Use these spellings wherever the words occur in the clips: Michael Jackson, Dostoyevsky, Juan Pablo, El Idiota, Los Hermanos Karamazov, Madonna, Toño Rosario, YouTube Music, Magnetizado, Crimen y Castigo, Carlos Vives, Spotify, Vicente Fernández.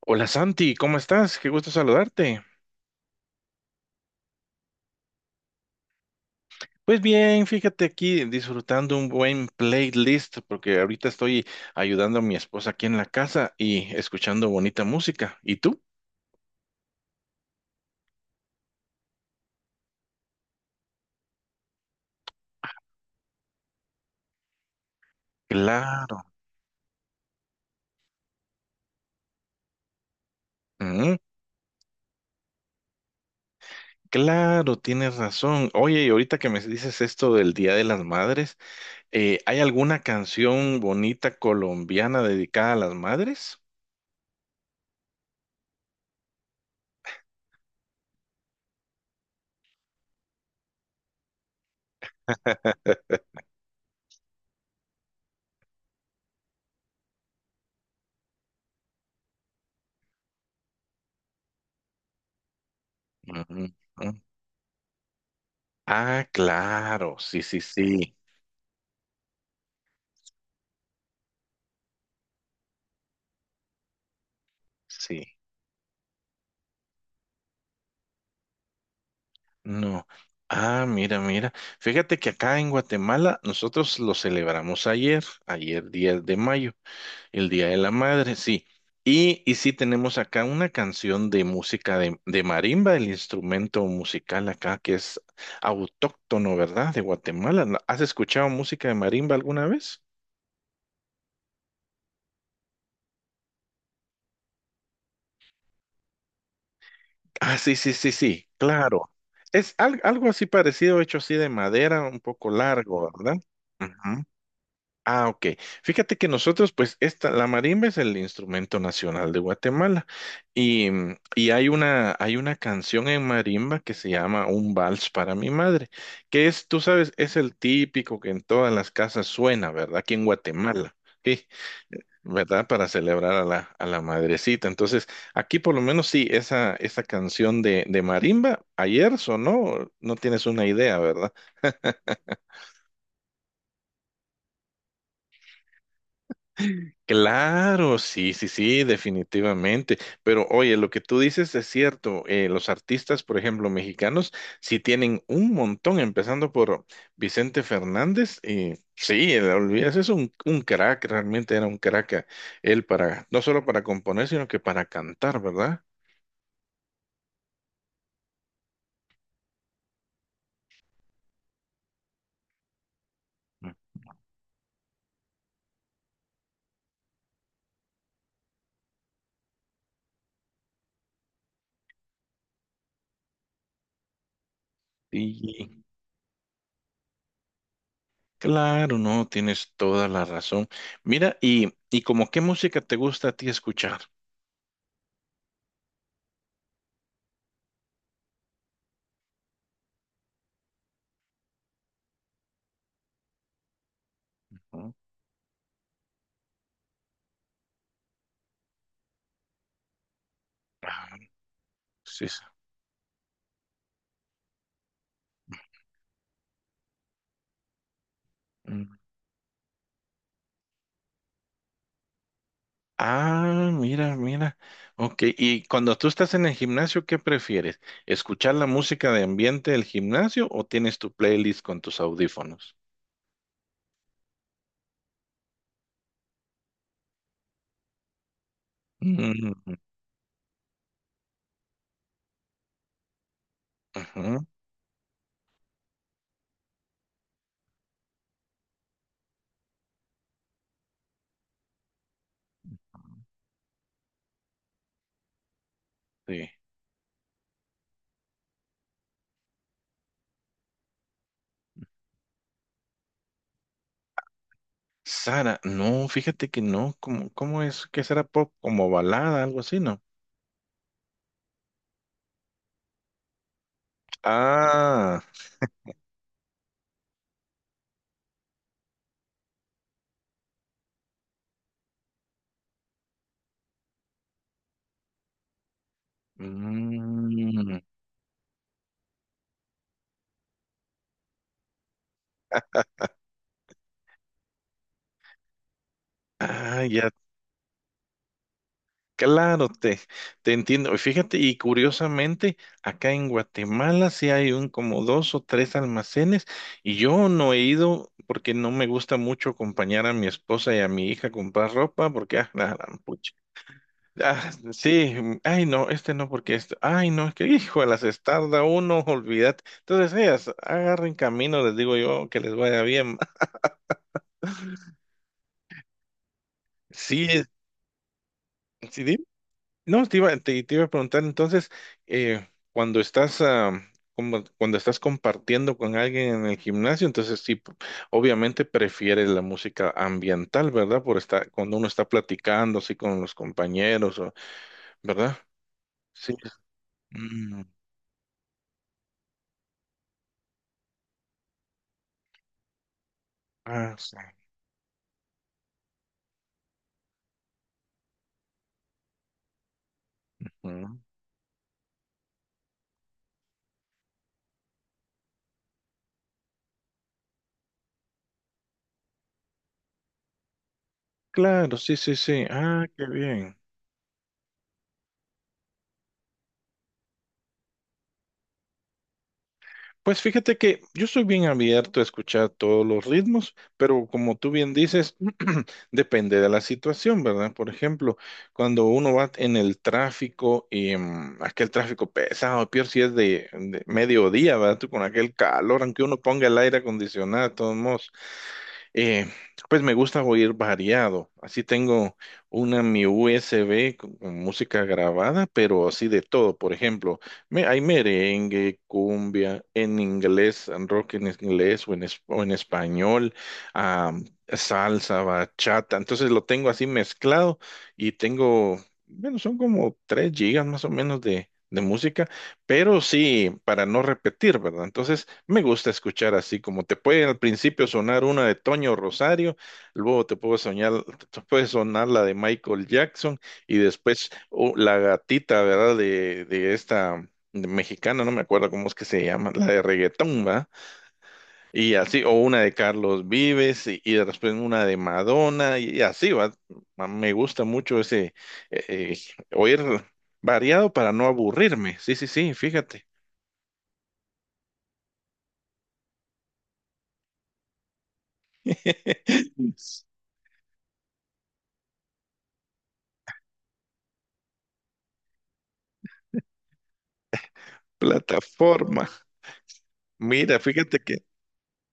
Hola Santi, ¿cómo estás? Qué gusto saludarte. Pues bien, fíjate aquí disfrutando un buen playlist porque ahorita estoy ayudando a mi esposa aquí en la casa y escuchando bonita música. ¿Y tú? Claro, mm, claro, tienes razón. Oye, y ahorita que me dices esto del Día de las Madres, ¿hay alguna canción bonita colombiana dedicada a las madres? Ujú, ujú. Ah, claro, sí, sí, sí, sí. No. Ah, mira, mira. Fíjate que acá en Guatemala nosotros lo celebramos ayer, ayer 10 de mayo, el Día de la Madre, sí. Y sí tenemos acá una canción de música de marimba, el instrumento musical acá que es autóctono, ¿verdad? De Guatemala. ¿No- ¿Has escuchado música de marimba alguna vez? Ah, sí, sí, sí, sí, claro. Es al- algo así parecido, hecho así de madera, un poco largo, ¿verdad? Ujú. Ah, ok. Fíjate que nosotros, pues, esta, la marimba es el instrumento nacional de Guatemala. Y hay una canción en marimba que se llama Un vals para mi madre, que es, tú sabes, es el típico que en todas las casas suena, ¿verdad? Aquí en Guatemala. Sí, ¿verdad? Para celebrar a la madrecita. Entonces, aquí por lo menos sí, esa canción de marimba ayer sonó, no tienes una idea, ¿verdad? Claro, sí, sí, sí, definitivamente. Pero oye, lo que tú dices es cierto. Los artistas, por ejemplo, mexicanos, sí tienen un montón, empezando por Vicente Fernández. Y sí, el- olvídate, es un crack, realmente era un crack él para, no solo para componer, sino que para cantar, ¿verdad? Sí, claro, no, tienes toda la razón. Mira, y ¿como qué música te gusta a ti escuchar? Ujú. Ah, sí, sí. Mm. Ah, mira, mira. Ok, y cuando tú estás en el gimnasio, ¿qué prefieres? ¿Escuchar la música de ambiente del gimnasio o tienes tu playlist con tus audífonos? Mm, ujú, sí. Sara, no, fíjate que no, ¿cómo, cómo es que será pop? Como balada, algo así, ¿no? Ah, mm, ah, ya. Claro, te entiendo. Y fíjate, y curiosamente, acá en Guatemala sí hay un como dos o tres almacenes y yo no he ido porque no me gusta mucho acompañar a mi esposa y a mi hija a comprar ropa porque, ah, la gran pucha. Ah, sí, ay no, este no porque este, ay no, es que hijo, las estarda uno, olvídate. Entonces ellas agarren camino, les digo yo, que les vaya bien. Sí, sí, no, te iba, te iba a preguntar entonces, cuando estás, ah, como- cuando estás compartiendo con alguien en el gimnasio, entonces sí, p- obviamente prefieres la música ambiental, ¿verdad? Por estar, cuando uno está platicando así con los compañeros, o- ¿verdad? Sí. Mm, ah, sí. Mm, claro, sí, sí, sí. Ah, qué bien. Pues fíjate que yo soy bien abierto a escuchar todos los ritmos, pero como tú bien dices, depende de la situación, ¿verdad? Por ejemplo, cuando uno va en el tráfico y aquel tráfico pesado, peor si es de mediodía, ¿verdad? Tú con aquel calor, aunque uno ponga el aire acondicionado, de todos modos. Eh, pues me gusta oír variado. Así tengo una mi USB con música grabada, pero así de todo. Por ejemplo, me, hay merengue, cumbia, en inglés, en rock en inglés o en, es- o en español, ah, salsa, bachata. Entonces lo tengo así mezclado y tengo, bueno, son como 3 gigas más o menos de música, pero sí, para no repetir, ¿verdad? Entonces me gusta escuchar así, como te puede al principio sonar una de Toño Rosario, luego te puede soñar, te puede sonar la de Michael Jackson y después oh, la gatita, ¿verdad? De esta mexicana, no me acuerdo cómo es que se llama, la de reggaetón, ¿va? Y así, o una de Carlos Vives y después una de Madonna y así, ¿va? Ma- me gusta mucho ese eh, eh, oír variado para no aburrirme. Sí, sí, sí, fíjate. Plataforma. Mira, fíjate que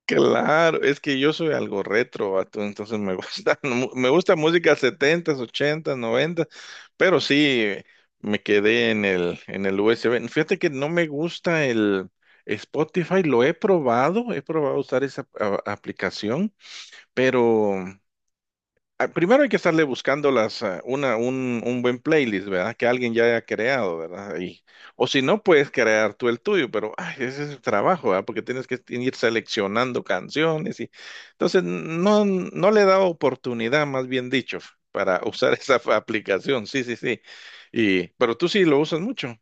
claro, es que yo soy algo retro, vato, entonces me gusta, mu- me gusta música setentas, ochentas, 80, pero sí me quedé en el USB. Fíjate que no me gusta el Spotify, lo he probado usar esa a- aplicación, pero primero hay que estarle buscando las, ah, una, un buen playlist, ¿verdad? Que alguien ya haya creado, ¿verdad? Y, o si no, puedes crear tú el tuyo, pero ay, ese es el trabajo, ¿verdad? Porque tienes que ir seleccionando canciones y entonces no, no le he dado oportunidad, más bien dicho, para usar esa aplicación. Sí, sí, sí. Y, pero tú sí lo usas mucho.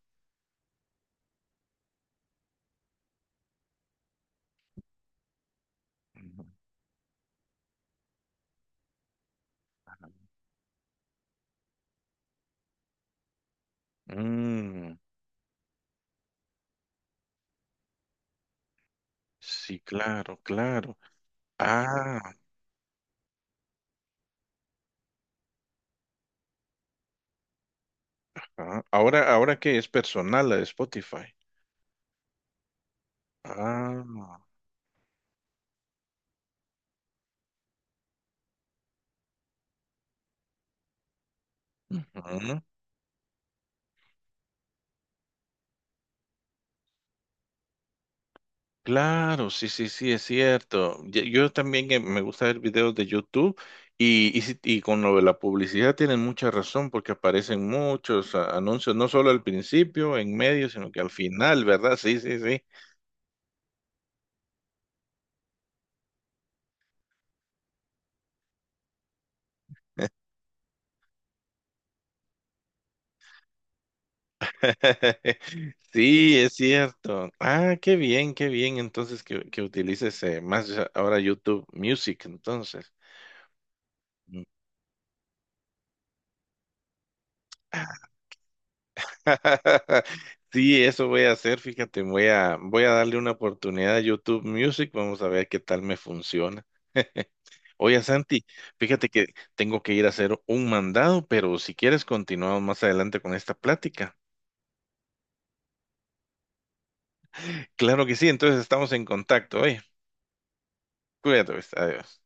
Mm, sí, claro, claro. Ah, ah, ahora, ahora que es personal la de Spotify. Ah, ujú. Claro, sí, sí, sí, es cierto. Ye- yo también me gusta ver videos de YouTube y, si- y con lo de la publicidad tienen mucha razón porque aparecen muchos a- anuncios, no solo al principio, en medio, sino que al final, ¿verdad? Sí, sí, sí. Sí, es cierto. Ah, qué bien entonces que utilices más ahora YouTube Music, entonces. Mm. Sí, eso voy a hacer, fíjate, voy a, voy a darle una oportunidad a YouTube Music, vamos a ver qué tal me funciona. Oye, Santi, fíjate que tengo que ir a hacer un mandado, pero si quieres continuamos más adelante con esta plática. Claro que sí, entonces estamos en contacto, oye, cuídate, pues, adiós.